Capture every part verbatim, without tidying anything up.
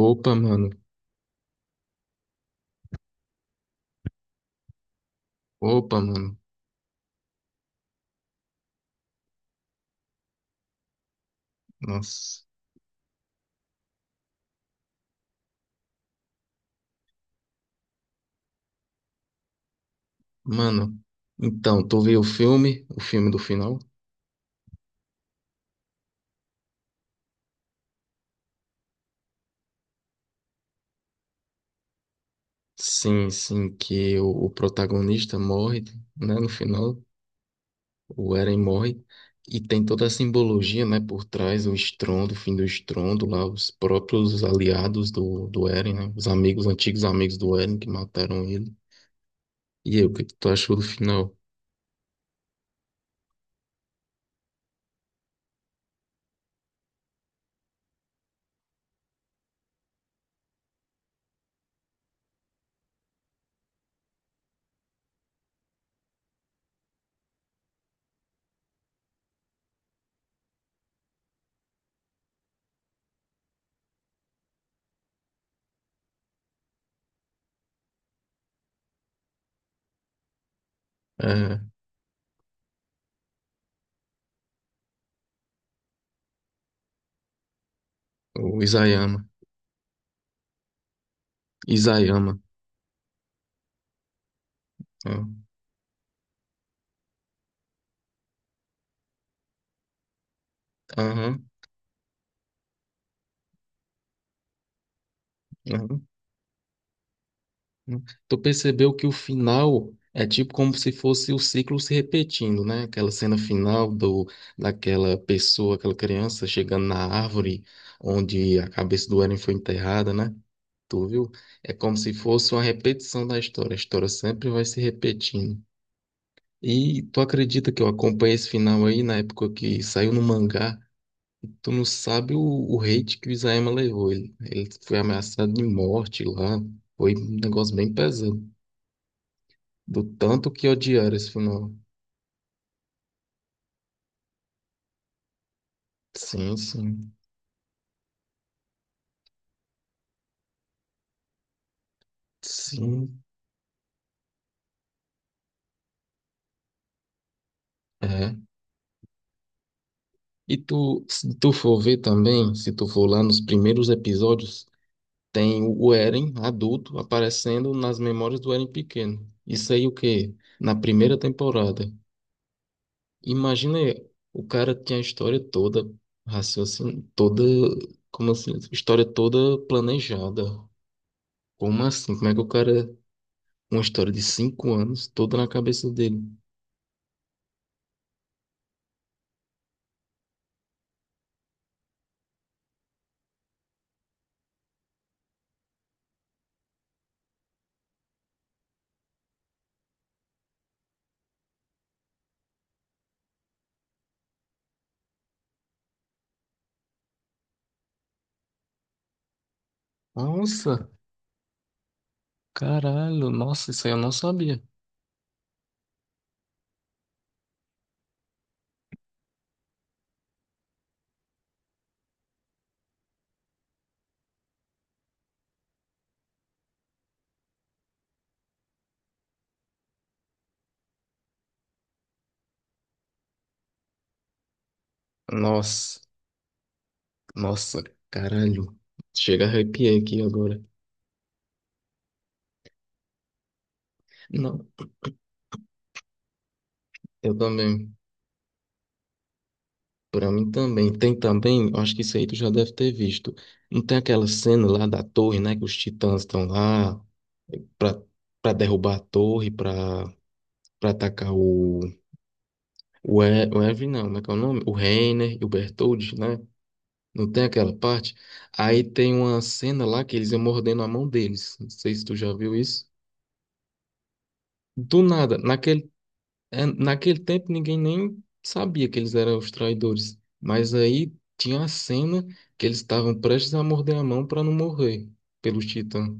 Opa, mano. Opa, mano. Nossa. Mano, então, tu viu o filme? O filme do final? Sim, sim, que o, o protagonista morre, né? No final, o Eren morre. E tem toda a simbologia, né, por trás, o estrondo, o fim do estrondo, lá, os próprios aliados do, do Eren, né? Os amigos, antigos amigos do Eren que mataram ele. E aí, o que que tu achou do final? É, o Isayama. Isayama. É. Aham. Aham. Tu percebeu que o final é tipo como se fosse o ciclo se repetindo, né? Aquela cena final do daquela pessoa, aquela criança chegando na árvore onde a cabeça do Eren foi enterrada, né? Tu viu? É como se fosse uma repetição da história. A história sempre vai se repetindo. E tu acredita que eu acompanhei esse final aí na época que saiu no mangá? Tu não sabe o, o hate que o Isayama levou. Ele, ele foi ameaçado de morte lá. Foi um negócio bem pesado. Do tanto que odiar esse filme. Sim, sim. Sim, é. E tu, se tu for ver também, se tu for lá nos primeiros episódios, tem o Eren adulto aparecendo nas memórias do Eren pequeno. Isso aí o quê? Na primeira temporada. Imagina aí, o cara tinha a história toda, raciocínio, toda, como assim, história toda planejada. Como assim? Como é que o cara, uma história de cinco anos, toda na cabeça dele? Nossa! Caralho, nossa, isso aí eu não sabia. Nossa, nossa, caralho. Chega a arrepiar aqui agora. Não, eu também. Pra mim também. Tem também, acho que isso aí tu já deve ter visto. Não tem aquela cena lá da torre, né? Que os titãs estão lá pra, pra derrubar a torre, pra, pra atacar o. O, e, o Evan, não, como é que é o nome? O Reiner e o Bertold, né? Não tem aquela parte? Aí tem uma cena lá que eles iam mordendo a mão deles. Não sei se tu já viu isso. Do nada, naquele, é, naquele tempo ninguém nem sabia que eles eram os traidores. Mas aí tinha a cena que eles estavam prestes a morder a mão para não morrer pelos titãs.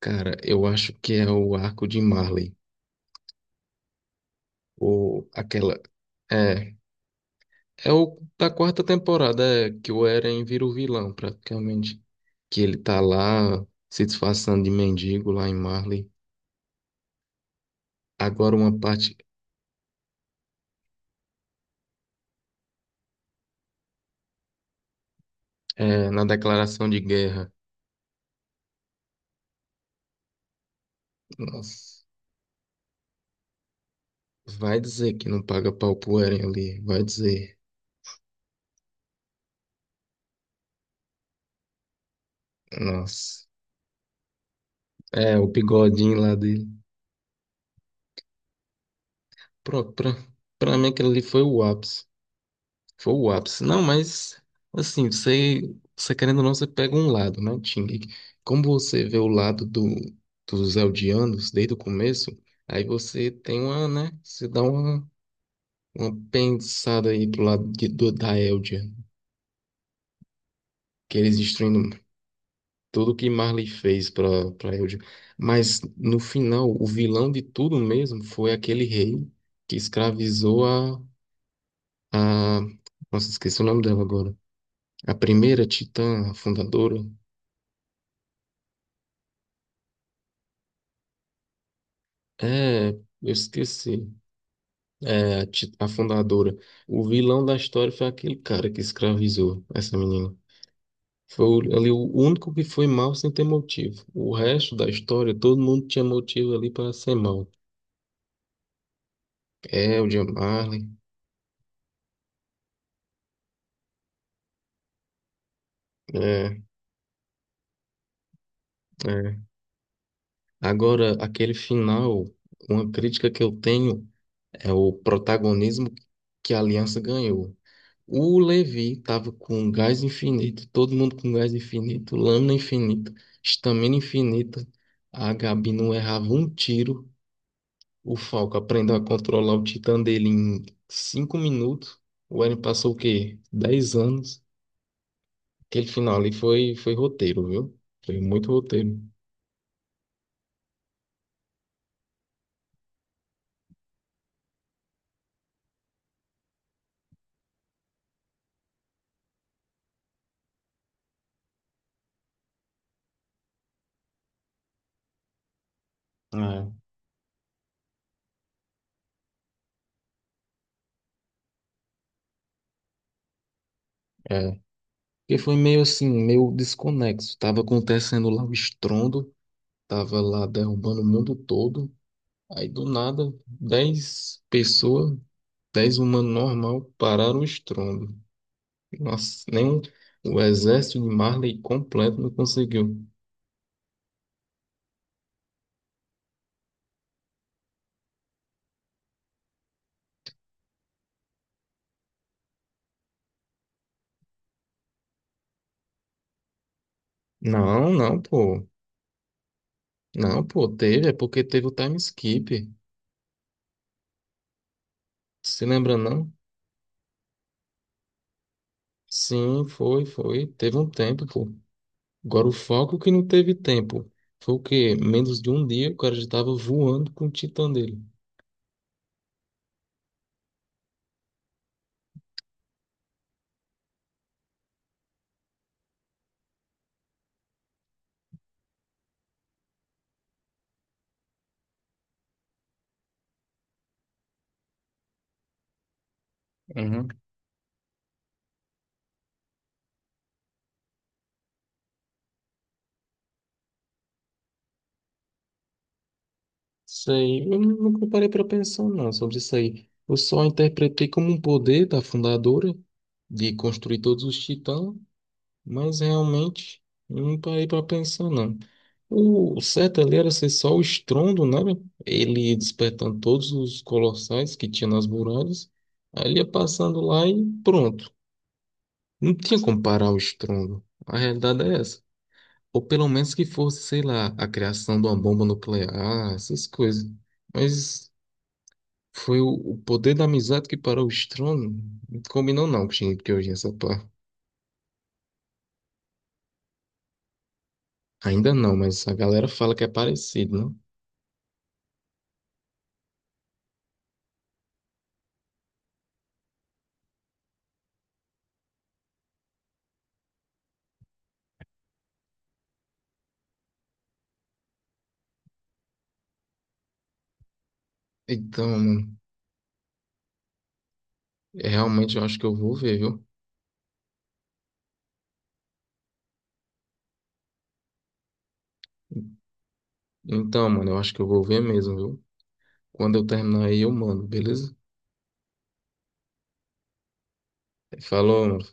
Cara, eu acho que é o arco de Marley. Ou aquela. É. É o da quarta temporada, é, que o Eren vira o vilão, praticamente. Que ele tá lá se disfarçando de mendigo lá em Marley. Agora uma parte é, na declaração de guerra. Nossa. Vai dizer que não paga pau pro Eren ali. Vai dizer. Nossa. É, o bigodinho lá dele. Pronto, pra, pra mim aquele ali foi o ápice. Foi o ápice. Não, mas assim, você, você querendo ou não, você pega um lado, né, Ting? Como você vê o lado do, dos Eldianos desde o começo, aí você tem uma, né? Você dá uma, uma pensada aí pro lado de, do, da Eldia. Que eles destruindo. Tudo que Marley fez para para Eldil. Mas no final, o vilão de tudo mesmo foi aquele rei que escravizou a, a... Nossa, esqueci o nome dela agora. A primeira titã, a fundadora. É, eu esqueci. É, a, ti- a fundadora. O vilão da história foi aquele cara que escravizou essa menina. Foi o- ali o único que foi mal sem ter motivo. O resto da história, todo mundo tinha motivo ali para ser mal. Eldil, Marley. É, é. Agora, aquele final, uma crítica que eu tenho é o protagonismo que a Aliança ganhou. O Levi tava com gás infinito, todo mundo com gás infinito, lâmina infinita, estamina infinita. A Gabi não errava um tiro. O Falco aprendeu a controlar o Titã dele em cinco minutos. O Eren passou o quê? Dez anos. Aquele final ali foi, foi roteiro, viu? Foi muito roteiro. É. Porque foi meio assim, meio desconexo. Tava acontecendo lá o estrondo, tava lá derrubando o mundo todo. Aí do nada, dez pessoas, dez humanos normal, pararam o estrondo. Nossa, nem o o exército de Marley completo não conseguiu. Não, não, pô. Não, pô, teve, é porque teve o time skip. Se lembra, não? Sim, foi, foi. Teve um tempo, pô. Agora, o Falcon que não teve tempo. Foi o quê? Menos de um dia, o cara já estava voando com o Titã dele. Uhum. Isso aí, eu nu- nunca parei para pensar, não, sobre isso aí. Eu só interpretei como um poder da fundadora de construir todos os titãs, mas realmente eu não parei para pensar, não. O o certo ali era ser só o estrondo, né? Ele despertando todos os colossais que tinha nas muralhas. Aí ele ia passando lá e pronto. Não tinha como parar o estrondo. A realidade é essa. Ou pelo menos que fosse, sei lá, a criação de uma bomba nuclear, essas coisas. Mas foi o, o poder da amizade que parou o estrondo. Não combinou não com o que hoje essa pá. Ainda não, mas a galera fala que é parecido, não? Então, mano, é, realmente eu acho que eu vou ver, viu? Então, mano, eu acho que eu vou ver mesmo, viu? Quando eu terminar aí, eu mando, beleza? Falou, mano.